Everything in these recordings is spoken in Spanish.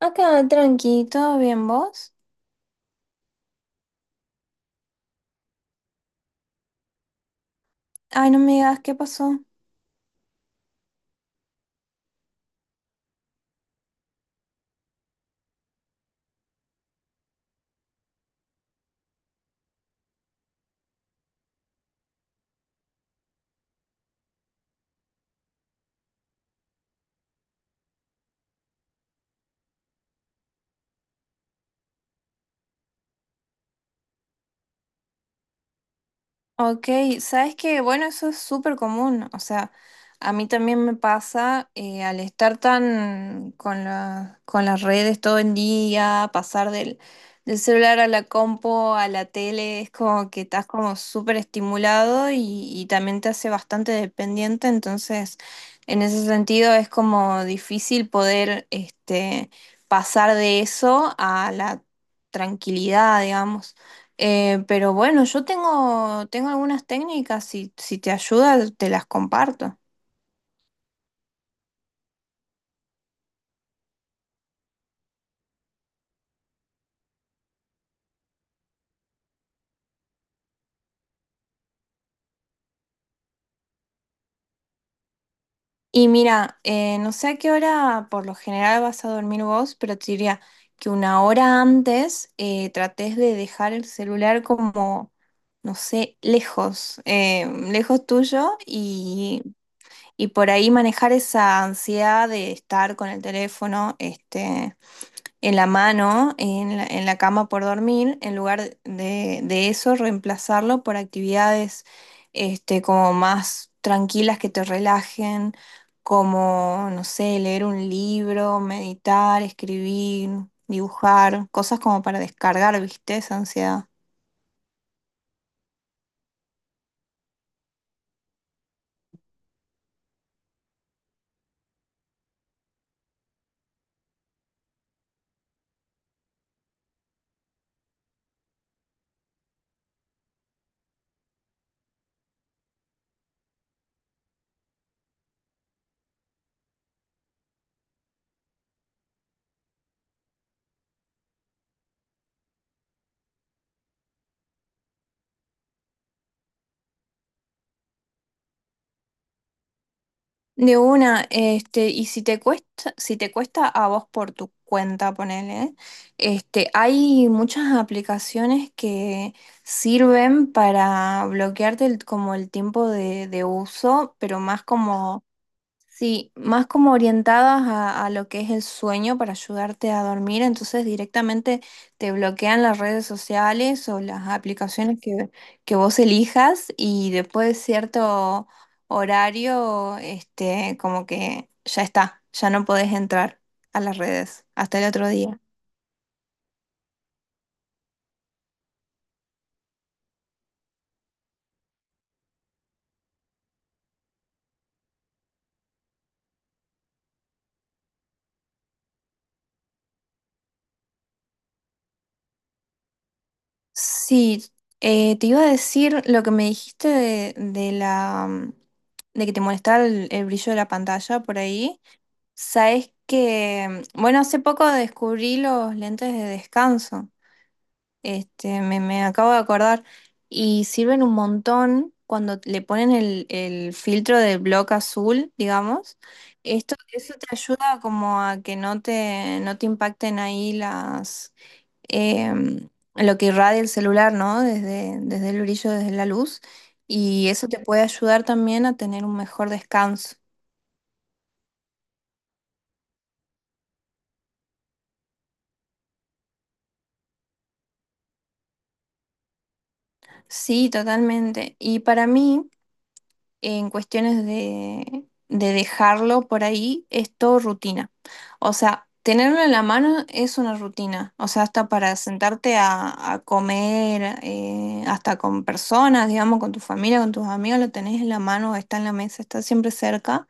Acá, tranqui, ¿todo bien vos? Ay, no me digas, ¿qué pasó? Ok, sabes que, bueno, eso es súper común, o sea, a mí también me pasa al estar tan con con las redes todo el día, pasar del celular a la compo, a la tele, es como que estás como súper estimulado y también te hace bastante dependiente, entonces en ese sentido es como difícil poder este, pasar de eso a la tranquilidad, digamos. Pero bueno, yo tengo algunas técnicas, si te ayuda, te las comparto. Y mira, no sé a qué hora por lo general vas a dormir vos, pero te diría que una hora antes trates de dejar el celular como, no sé, lejos, lejos tuyo y por ahí manejar esa ansiedad de estar con el teléfono, este, en la mano, en en la cama por dormir, en lugar de eso, reemplazarlo por actividades este, como más tranquilas que te relajen, como, no sé, leer un libro, meditar, escribir, dibujar, cosas como para descargar, ¿viste? Esa ansiedad. De una, este, y si te cuesta, si te cuesta a vos por tu cuenta, ponele, este, hay muchas aplicaciones que sirven para bloquearte como el tiempo de uso, pero más como. Sí, más como orientadas a lo que es el sueño para ayudarte a dormir, entonces directamente te bloquean las redes sociales o las aplicaciones que vos elijas y después de cierto horario, este, como que ya está, ya no podés entrar a las redes hasta el otro día. Sí, te iba a decir lo que me dijiste de de que te molestaba el brillo de la pantalla por ahí. Sabes que, bueno, hace poco descubrí los lentes de descanso. Este, me acabo de acordar. Y sirven un montón cuando le ponen el filtro del bloque azul, digamos. Esto, eso te ayuda como a que no te, no te impacten ahí em, lo que irradia el celular, ¿no? Desde, desde el brillo, desde la luz. Y eso te puede ayudar también a tener un mejor descanso. Sí, totalmente. Y para mí, en cuestiones de dejarlo por ahí, es todo rutina. O sea, tenerlo en la mano es una rutina. O sea, hasta para sentarte a comer, hasta con personas, digamos, con tu familia, con tus amigos, lo tenés en la mano, está en la mesa, está siempre cerca.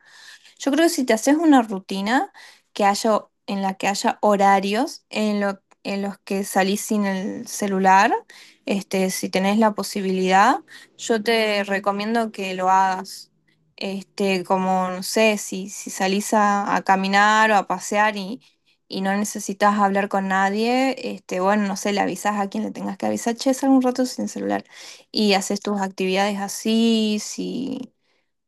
Yo creo que si te haces una rutina que haya, en la que haya horarios en, en los que salís sin el celular, este, si tenés la posibilidad, yo te recomiendo que lo hagas. Este, como, no sé, si, si salís a caminar o a pasear y no necesitas hablar con nadie, este, bueno, no sé, le avisas a quien le tengas que avisar, che, sal un rato sin celular y haces tus actividades así, si...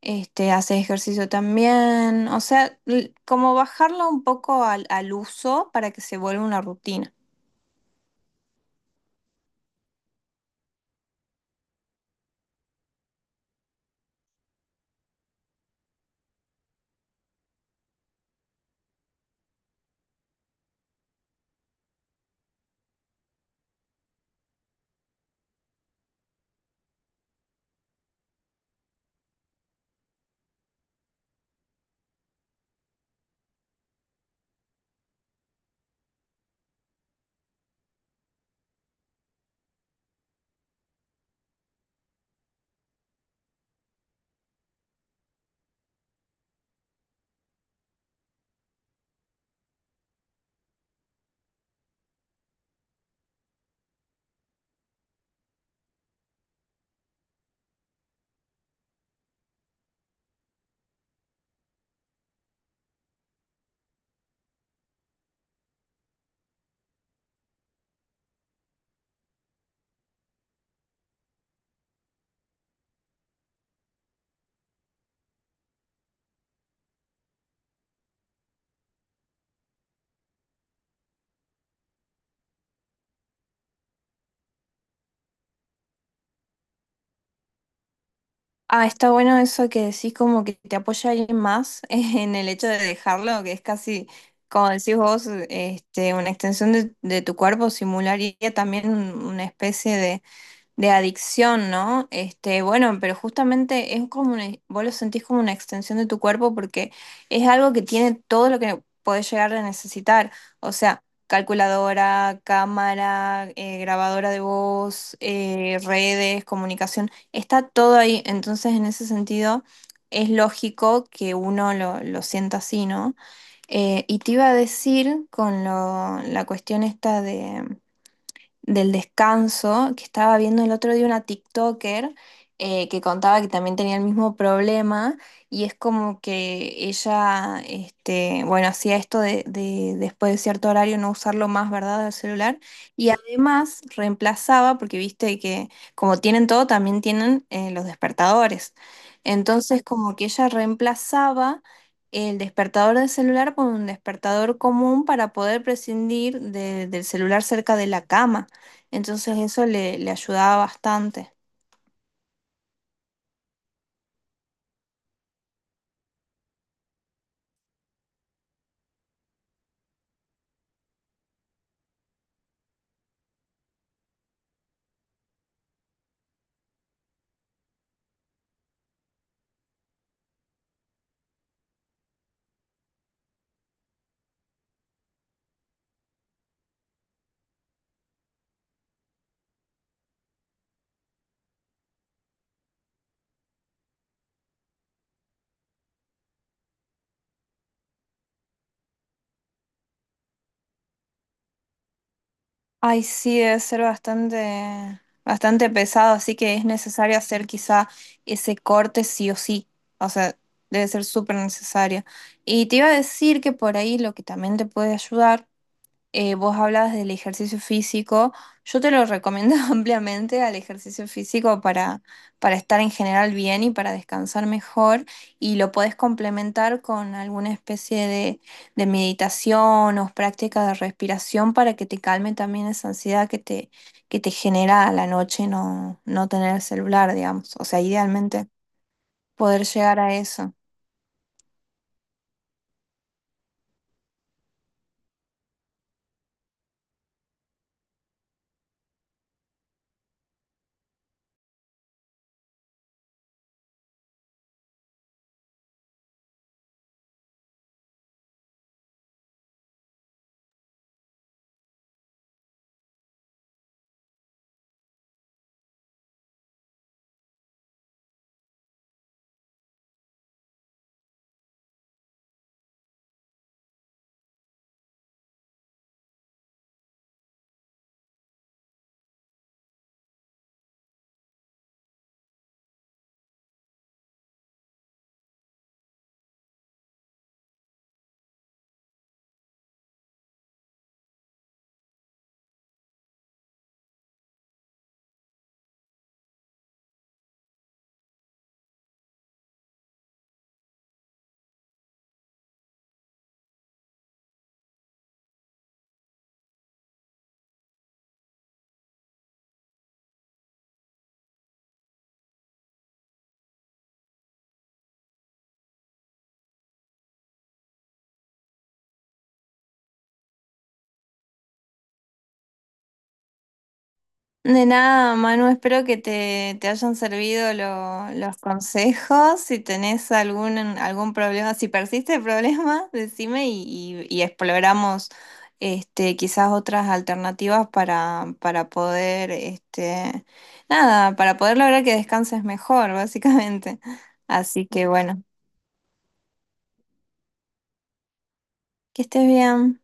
Este, haces ejercicio también, o sea, como bajarlo un poco al uso para que se vuelva una rutina. Ah, está bueno eso que decís como que te apoya alguien más en el hecho de dejarlo, que es casi, como decís vos, este, una extensión de tu cuerpo, simularía también una especie de adicción, ¿no? Este, bueno, pero justamente es como una, vos lo sentís como una extensión de tu cuerpo porque es algo que tiene todo lo que podés llegar a necesitar. O sea, calculadora, cámara, grabadora de voz, redes, comunicación, está todo ahí. Entonces, en ese sentido, es lógico que uno lo sienta así, ¿no? Y te iba a decir con la cuestión esta del descanso, que estaba viendo el otro día una TikToker que contaba que también tenía el mismo problema y es como que ella, este, bueno, hacía esto de después de cierto horario no usarlo más, ¿verdad?, del celular y además reemplazaba, porque viste que como tienen todo, también tienen los despertadores. Entonces como que ella reemplazaba el despertador del celular por un despertador común para poder prescindir del celular cerca de la cama. Entonces eso le, le ayudaba bastante. Ay, sí, debe ser bastante, bastante pesado, así que es necesario hacer quizá ese corte sí o sí. O sea, debe ser súper necesario. Y te iba a decir que por ahí lo que también te puede ayudar vos hablabas del ejercicio físico, yo te lo recomiendo ampliamente al ejercicio físico para estar en general bien y para descansar mejor y lo podés complementar con alguna especie de meditación o práctica de respiración para que te calme también esa ansiedad que te genera a la noche no, no tener el celular, digamos, o sea, idealmente poder llegar a eso. De nada, Manu, espero que te hayan servido los consejos. Si tenés algún, algún problema, si persiste el problema, decime y, y exploramos este, quizás otras alternativas para poder, este, nada, para poder lograr que descanses mejor, básicamente. Así que bueno, que estés bien.